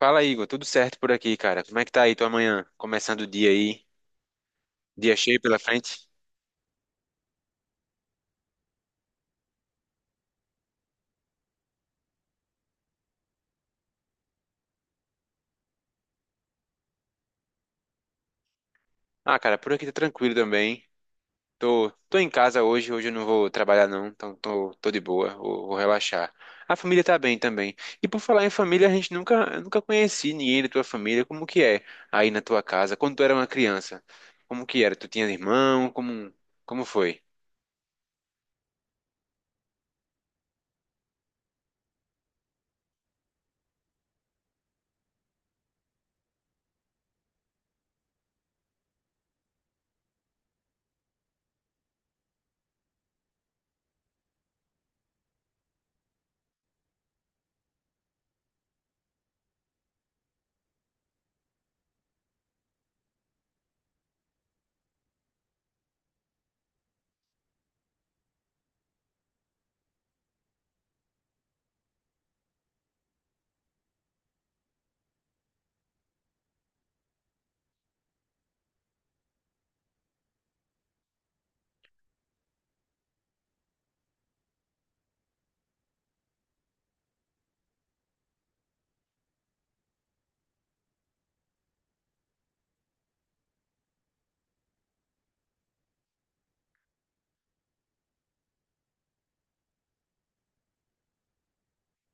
Fala, Igor. Tudo certo por aqui, cara? Como é que tá aí tua manhã? Começando o dia aí? Dia cheio pela frente? Ah, cara, por aqui tá tranquilo também. Tô em casa hoje. Hoje eu não vou trabalhar, não. Então tô de boa. Vou relaxar. A família tá bem também. E por falar em família, a gente nunca, eu nunca conheci ninguém da tua família. Como que é aí na tua casa? Quando tu era uma criança? Como que era? Tu tinha irmão? Como foi?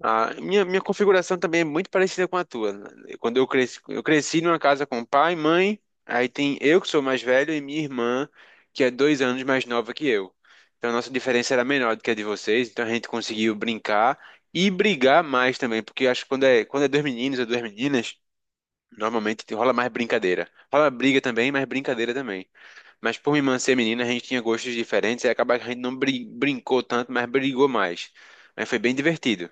Ah, minha configuração também é muito parecida com a tua. Quando eu cresci numa casa com pai, mãe, aí tem eu que sou mais velho e minha irmã, que é 2 anos mais nova que eu. Então a nossa diferença era menor do que a de vocês, então a gente conseguiu brincar e brigar mais também, porque acho que quando é dois meninos ou duas meninas, normalmente rola mais brincadeira. Rola briga também, mas brincadeira também. Mas por minha irmã ser menina, a gente tinha gostos diferentes, e acaba que a gente não brincou tanto, mas brigou mais. Aí foi bem divertido.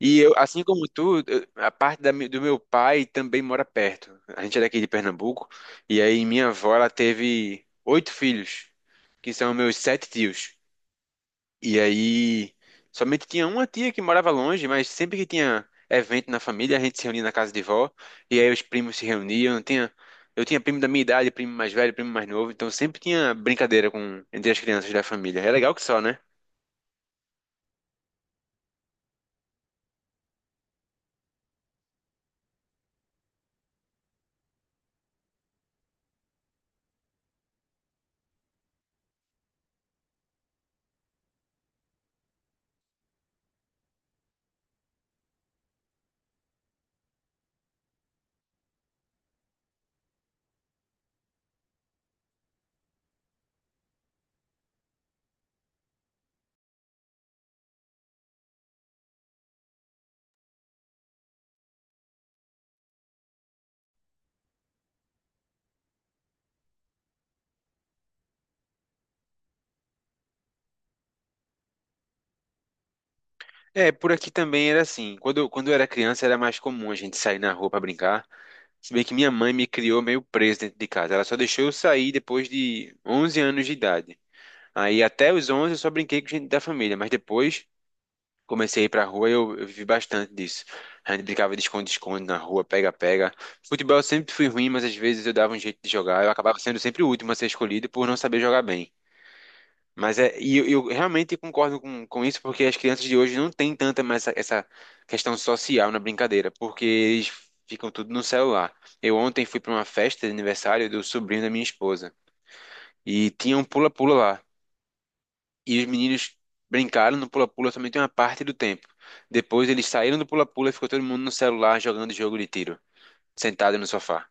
E eu, assim como tu, a parte do meu pai também mora perto. A gente é daqui de Pernambuco. E aí minha avó, ela teve oito filhos, que são meus sete tios. E aí somente tinha uma tia que morava longe, mas sempre que tinha evento na família, a gente se reunia na casa de vó. E aí os primos se reuniam. Eu tinha primo da minha idade, primo mais velho, primo mais novo. Então sempre tinha brincadeira entre as crianças da família. É legal que só, né? É, por aqui também era assim. Quando eu era criança era mais comum a gente sair na rua pra brincar. Se bem que minha mãe me criou meio preso dentro de casa. Ela só deixou eu sair depois de 11 anos de idade. Aí até os 11 eu só brinquei com gente da família, mas depois comecei a ir pra rua e eu vivi bastante disso. A gente brincava de esconde-esconde na rua, pega-pega. Futebol eu sempre fui ruim, mas às vezes eu dava um jeito de jogar. Eu acabava sendo sempre o último a ser escolhido por não saber jogar bem. Mas eu realmente concordo com isso, porque as crianças de hoje não têm tanta mais essa, questão social na brincadeira, porque eles ficam tudo no celular. Eu ontem fui para uma festa de aniversário do sobrinho da minha esposa, e tinha um pula-pula lá. E os meninos brincaram no pula-pula somente uma parte do tempo. Depois eles saíram do pula-pula e ficou todo mundo no celular jogando jogo de tiro, sentado no sofá.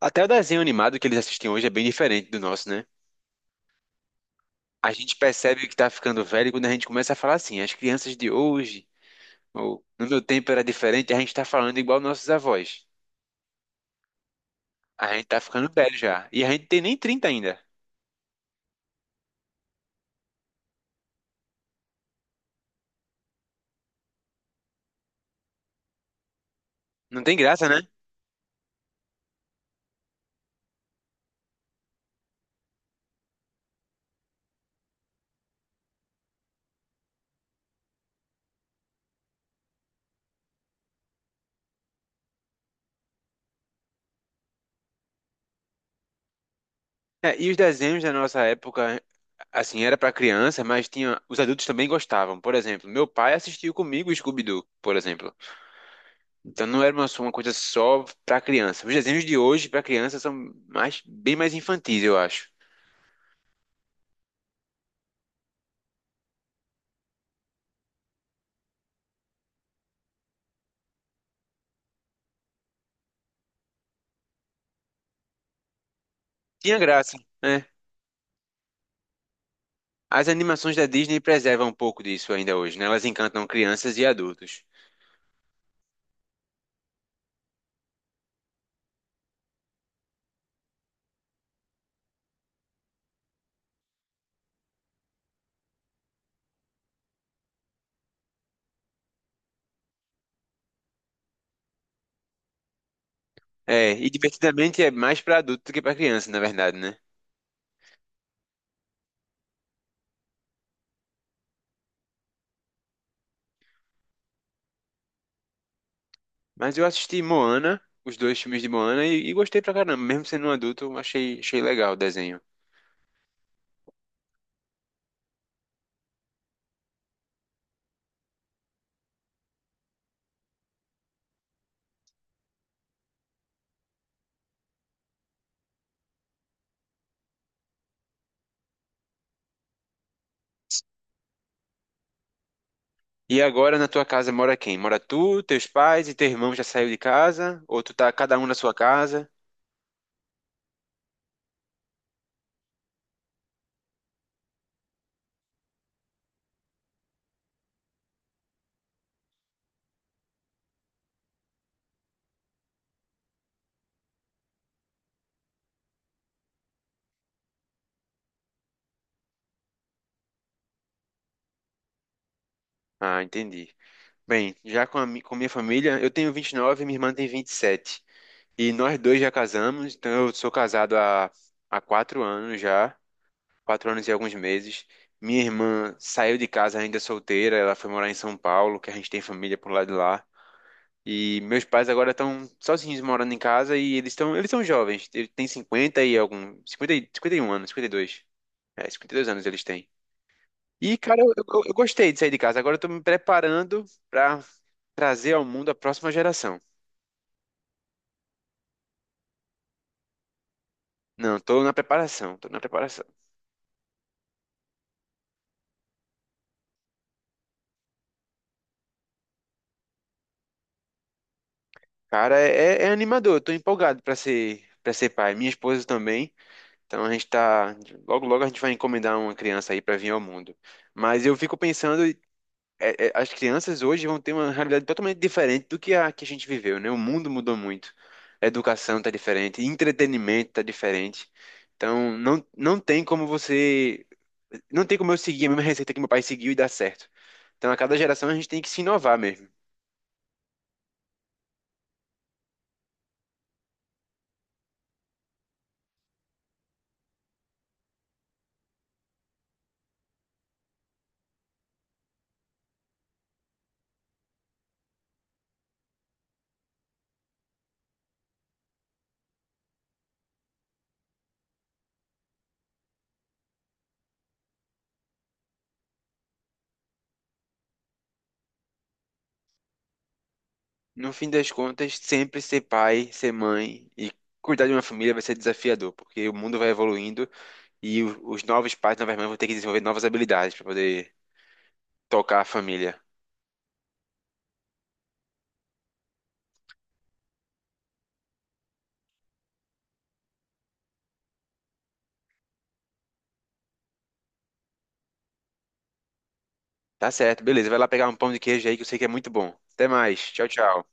Até o desenho animado que eles assistem hoje é bem diferente do nosso, né? A gente percebe que tá ficando velho quando a gente começa a falar assim: as crianças de hoje, ou, no meu tempo era diferente. A gente tá falando igual nossos avós. A gente tá ficando velho já. E a gente tem nem 30 ainda. Não tem graça, né? É, e os desenhos da nossa época, assim, era pra criança, mas tinha, os adultos também gostavam. Por exemplo, meu pai assistiu comigo Scooby-Doo, por exemplo. Então não era só uma coisa só pra criança. Os desenhos de hoje pra criança são bem mais infantis, eu acho. Tinha graça, né? As animações da Disney preservam um pouco disso ainda hoje, né? Elas encantam crianças e adultos. É, e Divertidamente é mais pra adulto do que pra criança, na verdade, né? Mas eu assisti Moana, os dois filmes de Moana, e gostei pra caramba. Mesmo sendo um adulto, eu achei legal o desenho. E agora na tua casa mora quem? Mora tu, teus pais e teu irmão já saiu de casa? Ou tu tá cada um na sua casa? Ah, entendi. Bem, já com minha família, eu tenho 29 e nove e minha irmã tem 27. E sete. E nós dois já casamos, então eu sou casado há 4 anos já. Quatro anos e alguns meses. Minha irmã saiu de casa ainda solteira, ela foi morar em São Paulo, que a gente tem família por lá de lá. E meus pais agora estão sozinhos morando em casa e eles são jovens, eles têm 50 e algum, 51 anos, 52. É, 52 anos eles têm. E, cara, eu gostei de sair de casa. Agora eu tô me preparando pra trazer ao mundo a próxima geração. Não, tô na preparação. Cara, é, é animador, eu tô empolgado para ser pai. Minha esposa também. Então a gente tá. Logo, logo a gente vai encomendar uma criança aí pra vir ao mundo. Mas eu fico pensando, é, é, as crianças hoje vão ter uma realidade totalmente diferente do que a gente viveu, né? O mundo mudou muito. A educação tá diferente, entretenimento tá diferente. Então não tem como você. Não tem como eu seguir a mesma receita que meu pai seguiu e dar certo. Então a cada geração a gente tem que se inovar mesmo. No fim das contas, sempre ser pai, ser mãe e cuidar de uma família vai ser desafiador, porque o mundo vai evoluindo. E os novos pais, novas mães vão ter que desenvolver novas habilidades para poder tocar a família. Tá certo, beleza. Vai lá pegar um pão de queijo aí que eu sei que é muito bom. Até mais. Tchau, tchau.